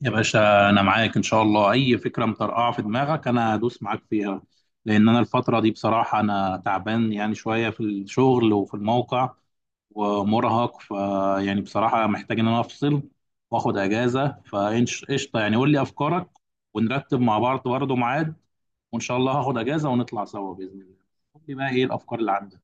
يا باشا، انا معاك ان شاء الله. اي فكره مطرقعه في دماغك انا هدوس معاك فيها. لان انا الفتره دي بصراحه انا تعبان يعني شويه في الشغل وفي الموقع ومرهق، يعني بصراحه محتاج ان انا افصل واخد اجازه. فقشطه يعني قول لي افكارك، ونرتب مع بعض برضه ميعاد، وان شاء الله هاخد اجازه ونطلع سوا باذن الله. قول لي بقى ايه الافكار اللي عندك.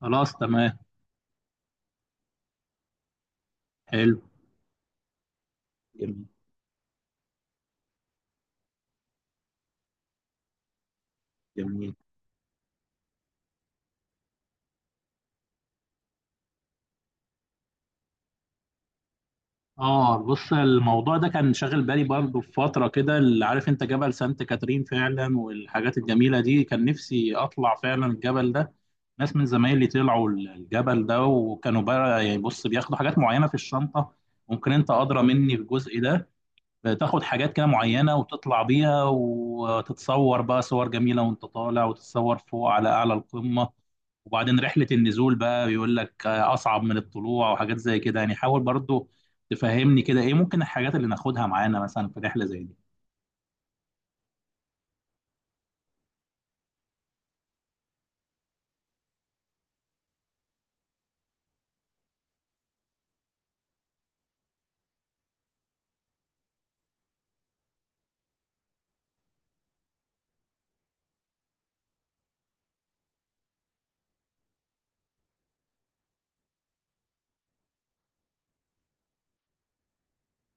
خلاص تمام. حلو. جميل. جميل. اه بص، الموضوع ده كان شاغل بالي برضه في فترة كده. اللي عارف انت جبل سانت كاترين فعلا والحاجات الجميلة دي، كان نفسي اطلع فعلا الجبل ده. ناس من زمايلي طلعوا الجبل ده وكانوا بقى يعني بص بياخدوا حاجات معينة في الشنطة. ممكن انت ادرى مني في الجزء ده، تاخد حاجات كده معينة وتطلع بيها وتتصور بقى صور جميلة وانت طالع، وتتصور فوق على أعلى القمة. وبعدين رحلة النزول بقى بيقول لك أصعب من الطلوع وحاجات زي كده يعني. حاول برضو تفهمني كده إيه ممكن الحاجات اللي ناخدها معانا مثلا في رحلة زي دي.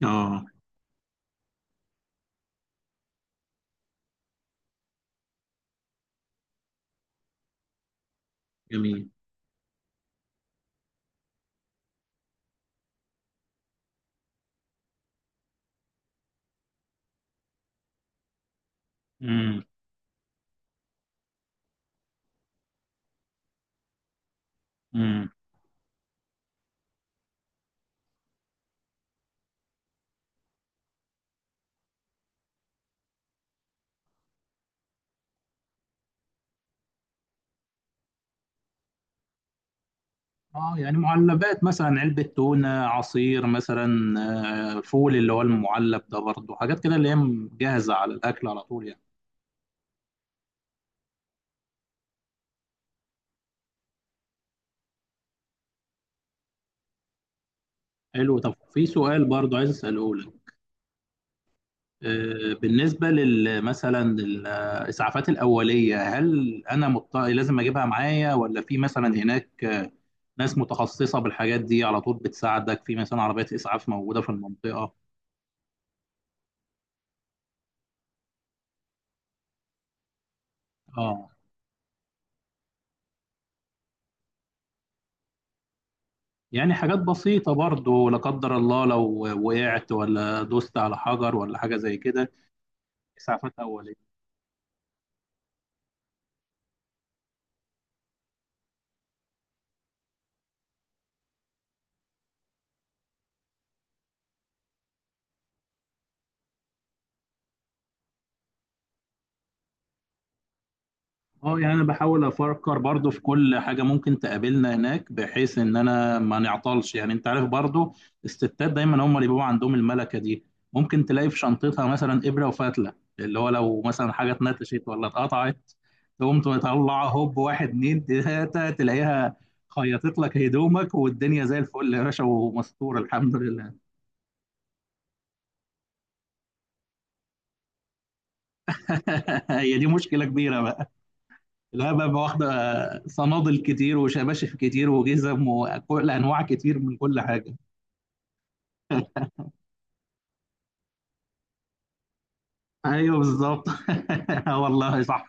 اه. جميل. امم. امم. اه يعني معلبات، مثلا علبة تونة، عصير مثلا، فول اللي هو المعلب ده برضو، حاجات كده اللي هي جاهزة على الأكل على طول يعني. حلو. طب في سؤال برضو عايز أسأله لك. بالنسبة مثلا الإسعافات الأولية، هل أنا مضط... لازم أجيبها معايا، ولا في مثلا هناك ناس متخصصة بالحاجات دي على طول بتساعدك، في مثلا عربيات إسعاف موجودة في المنطقة؟ آه. يعني حاجات بسيطة برضو، لا قدر الله لو وقعت ولا دوست على حجر ولا حاجة زي كده. إسعافات أولية. اه يعني انا بحاول افكر برضو في كل حاجه ممكن تقابلنا هناك، بحيث ان انا ما نعطلش، يعني انت عارف برضو. الستات دايما هم اللي بيبقوا عندهم الملكه دي. ممكن تلاقي في شنطتها مثلا ابره وفتله، اللي هو لو مثلا حاجه اتنتشت ولا اتقطعت تقوم تطلع هوب، واحد اتنين تلاته تلاقيها خيطت لك هدومك والدنيا زي الفل يا باشا، ومستور الحمد لله. هي دي مشكله كبيره بقى. لا بقى، واخدة صنادل كتير وشباشف كتير وجزم وكل أنواع كتير من كل حاجة. أيوه بالظبط. آه والله صح.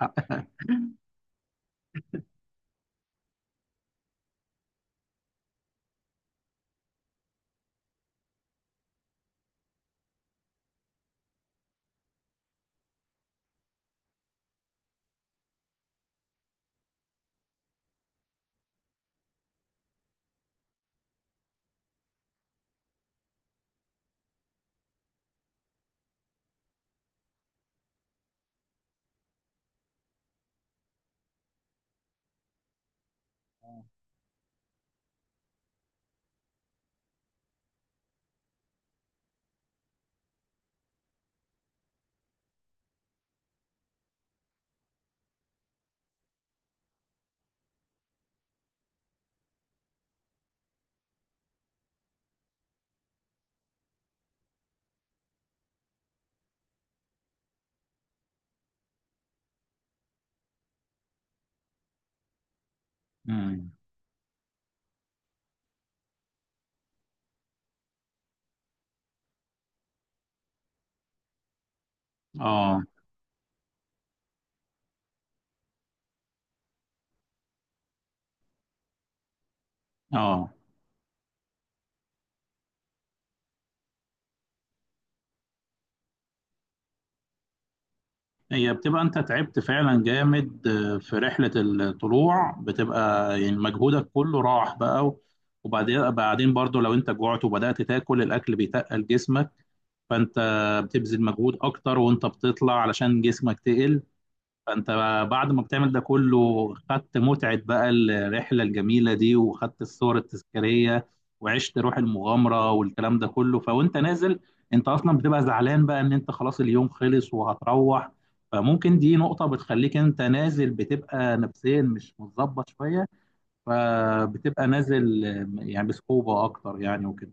مم. اه. اه. هي بتبقى انت تعبت فعلا جامد في رحلة الطلوع، بتبقى يعني مجهودك كله راح بقى. و- وبعدين بعدين برضو لو انت جوعت وبدأت تاكل، الاكل بيتقل جسمك، فانت بتبذل مجهود اكتر وانت بتطلع علشان جسمك تقل. فانت بعد ما بتعمل ده كله، خدت متعة بقى الرحلة الجميلة دي، وخدت الصور التذكارية وعشت روح المغامرة والكلام ده كله. فوانت نازل انت اصلا بتبقى زعلان بقى ان انت خلاص اليوم خلص وهتروح، فممكن دي نقطة بتخليك انت نازل بتبقى نفسيا مش متظبط شوية، فبتبقى نازل يعني بصعوبة اكتر يعني وكده.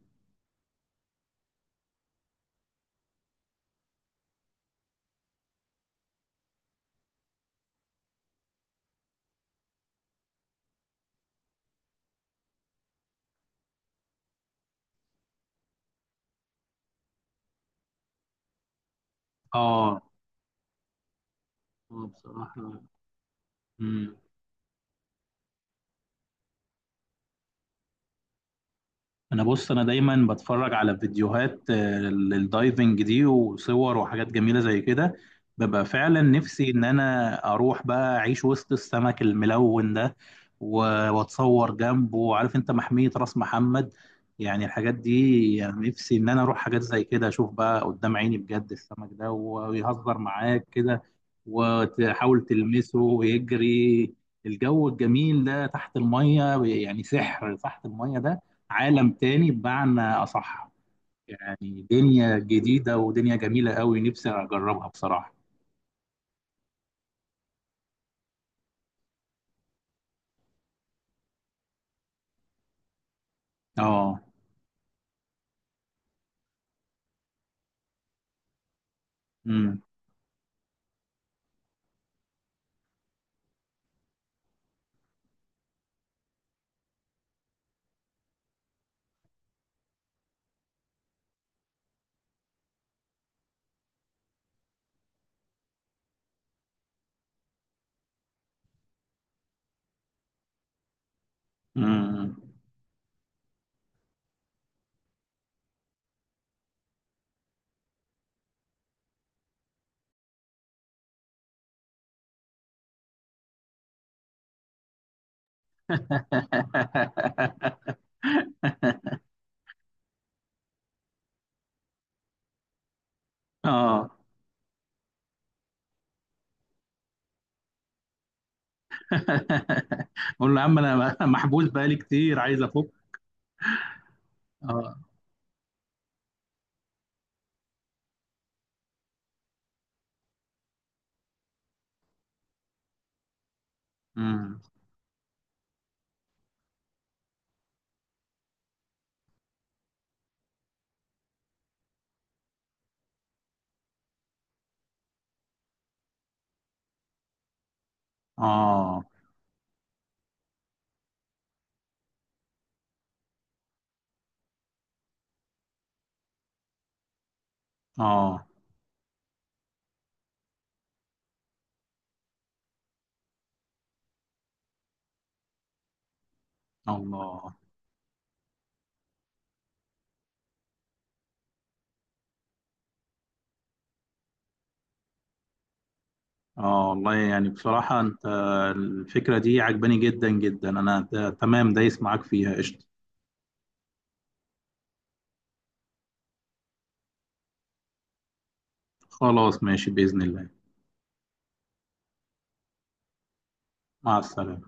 اه. بصراحة انا بص، انا دايما بتفرج على فيديوهات للدايفنج دي وصور وحاجات جميله زي كده. ببقى فعلا نفسي ان انا اروح بقى اعيش وسط السمك الملون ده، واتصور جنبه. عارف انت محميه راس محمد، يعني الحاجات دي، يعني نفسي ان انا اروح حاجات زي كده اشوف بقى قدام عيني بجد السمك ده، ويهزر معاك كده وتحاول تلمسه ويجري. الجو الجميل ده تحت الميه، يعني سحر تحت الميه ده. عالم تاني بمعنى أصح. يعني دنيا جديدة ودنيا جميلة قوي نفسي أجربها بصراحة. اه. امم. امم. اه قول له يا عم أنا محبوس بقالي كتير عايز أفك. اه. امم. اه. اه. الله. اه والله، يعني بصراحة أنت الفكرة دي عجباني جدا جدا. أنا تمام دايس معاك فيها قشطة. خلاص ماشي بإذن الله. مع السلامة.